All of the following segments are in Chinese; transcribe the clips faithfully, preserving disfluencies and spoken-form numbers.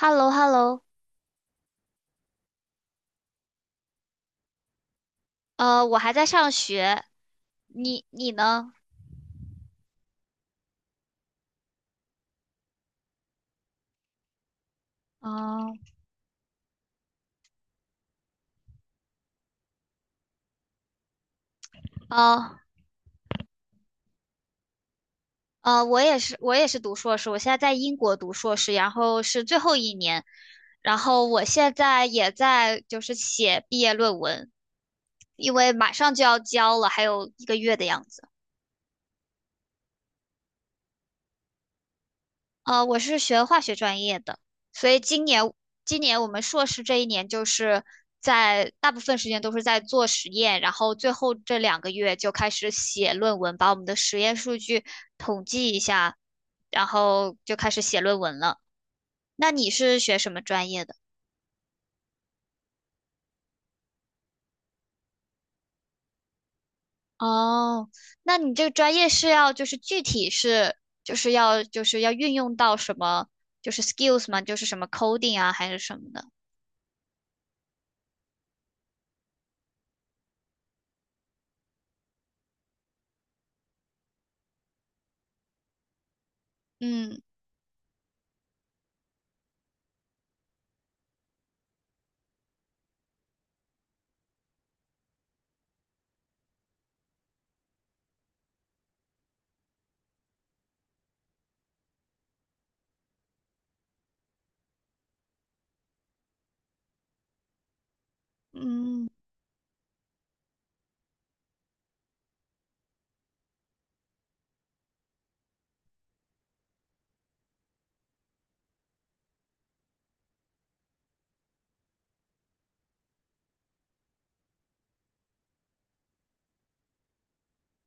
h e l l o h e l l o。 呃，我还在上学，你你呢？哦，呃呃，我也是，我也是读硕士，我现在在英国读硕士，然后是最后一年，然后我现在也在就是写毕业论文，因为马上就要交了，还有一个月的样子。呃，我是学化学专业的，所以今年今年我们硕士这一年就是在大部分时间都是在做实验，然后最后这两个月就开始写论文，把我们的实验数据统计一下，然后就开始写论文了。那你是学什么专业的？哦，那你这个专业是要就是具体是就是要就是要运用到什么就是 skills 吗？就是什么 coding 啊还是什么的？嗯嗯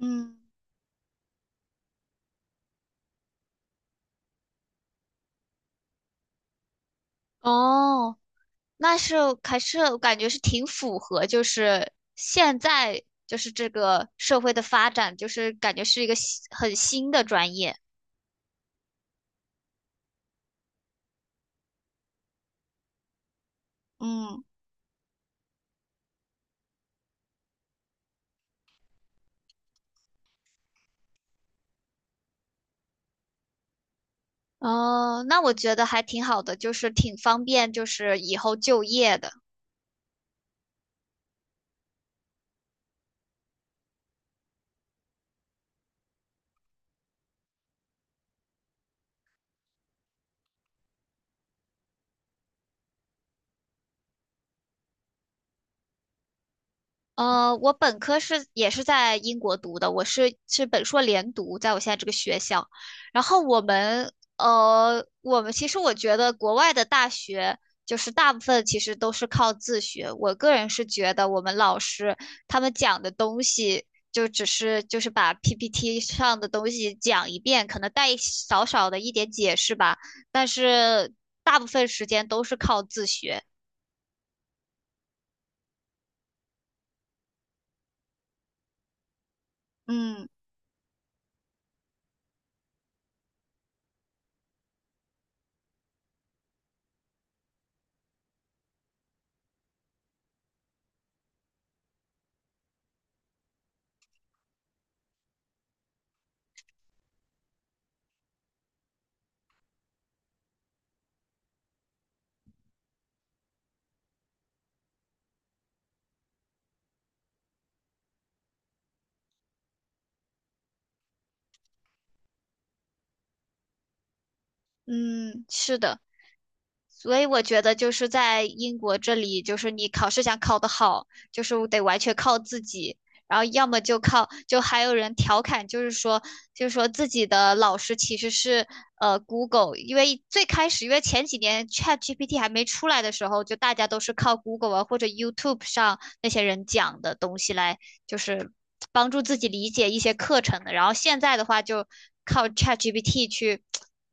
嗯。哦，那是还是我感觉是挺符合，就是现在就是这个社会的发展，就是感觉是一个新很新的专业。嗯。哦，那我觉得还挺好的，就是挺方便，就是以后就业的。呃，我本科是也是在英国读的，我是是本硕连读，在我现在这个学校。然后我们呃，我们其实我觉得国外的大学就是大部分其实都是靠自学。我个人是觉得我们老师他们讲的东西就只是就是把 P P T 上的东西讲一遍，可能带一少少的一点解释吧，但是大部分时间都是靠自学。嗯。嗯，是的。所以我觉得就是在英国这里，就是你考试想考得好，就是得完全靠自己。然后要么就靠，就还有人调侃，就是说，就是说自己的老师其实是呃 Google,因为最开始，因为前几年 ChatGPT 还没出来的时候，就大家都是靠 Google 啊或者 YouTube 上那些人讲的东西来，就是帮助自己理解一些课程的。然后现在的话，就靠 ChatGPT 去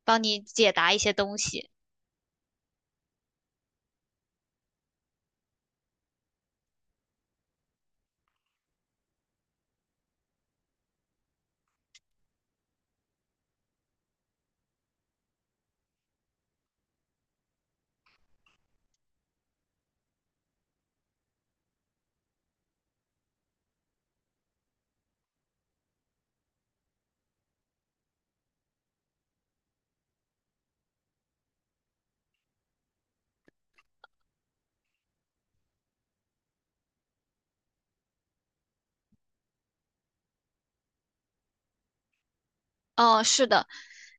帮你解答一些东西。哦，是的，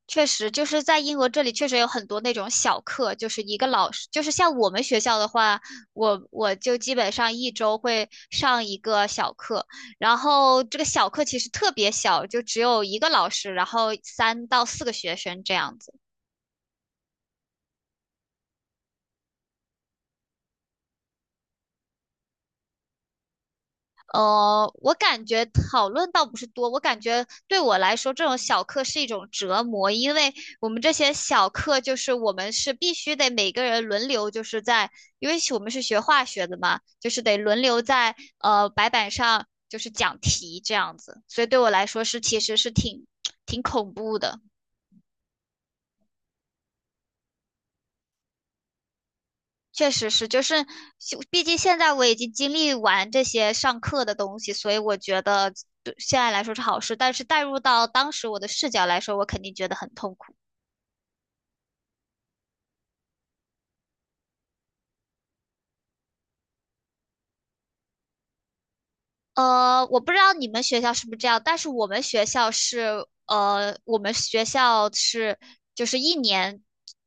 确实就是在英国这里确实有很多那种小课，就是一个老师，就是像我们学校的话，我我就基本上一周会上一个小课，然后这个小课其实特别小，就只有一个老师，然后三到四个学生这样子。呃，我感觉讨论倒不是多，我感觉对我来说，这种小课是一种折磨，因为我们这些小课就是我们是必须得每个人轮流，就是在，因为我们是学化学的嘛，就是得轮流在呃白板上就是讲题这样子，所以对我来说是其实是挺 挺恐怖的。确实是，就是就毕竟现在我已经经历完这些上课的东西，所以我觉得对现在来说是好事。但是带入到当时我的视角来说，我肯定觉得很痛苦。呃，我不知道你们学校是不是这样，但是我们学校是，呃，我们学校是，就是一年，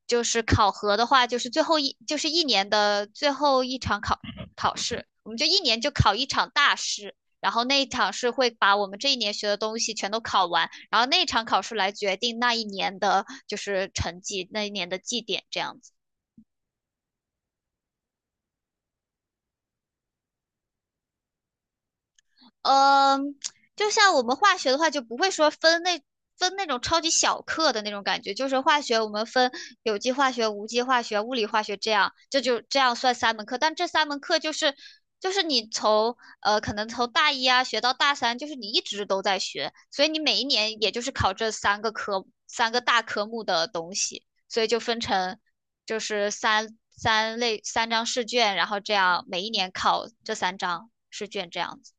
就是考核的话，就是最后一，就是一年的最后一场考考试，我们就一年就考一场大试，然后那一场是会把我们这一年学的东西全都考完，然后那一场考试来决定那一年的就是成绩，那一年的绩点这样子。嗯，就像我们化学的话，就不会说分那分那种超级小课的那种感觉，就是化学我们分有机化学、无机化学、物理化学这样，这就这样算三门课。但这三门课就是就是你从呃可能从大一啊学到大三，就是你一直都在学，所以你每一年也就是考这三个科三个大科目的东西，所以就分成就是三三类三张试卷，然后这样每一年考这三张试卷这样子。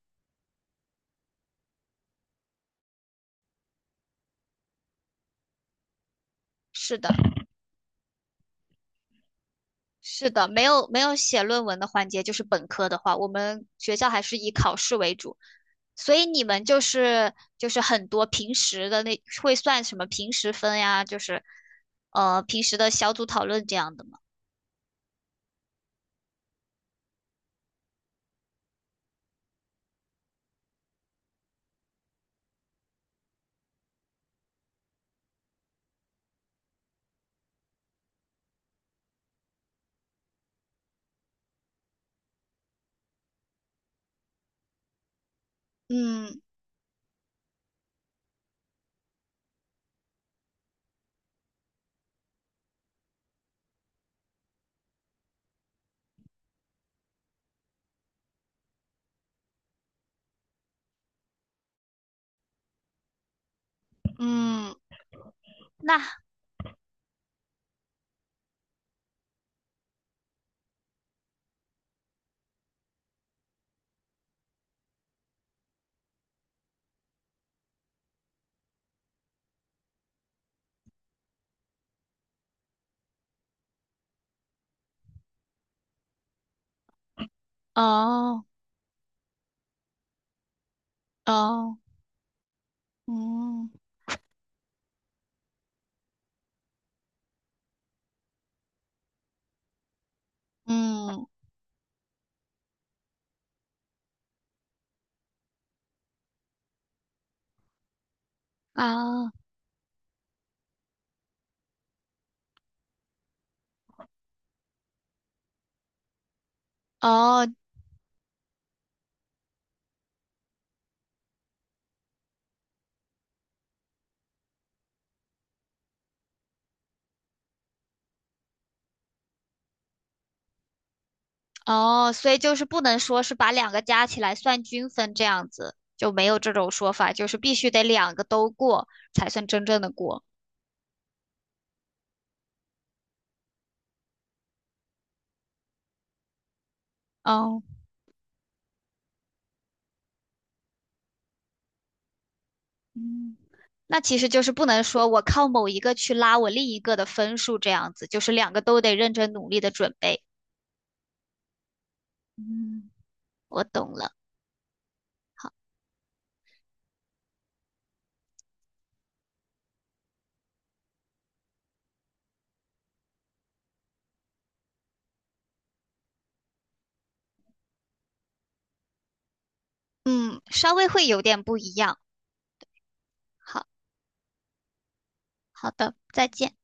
是的，是的，没有没有写论文的环节，就是本科的话，我们学校还是以考试为主，所以你们就是就是很多平时的那会算什么平时分呀，就是呃平时的小组讨论这样的吗？嗯。嗯，那哦。哦，嗯。嗯啊。哦，哦，所以就是不能说是把两个加起来算均分这样子，就没有这种说法，就是必须得两个都过才算真正的过。哦，嗯，那其实就是不能说我靠某一个去拉我另一个的分数这样子，就是两个都得认真努力的准备。嗯，我懂了。嗯，稍微会有点不一样。好，好的，再见。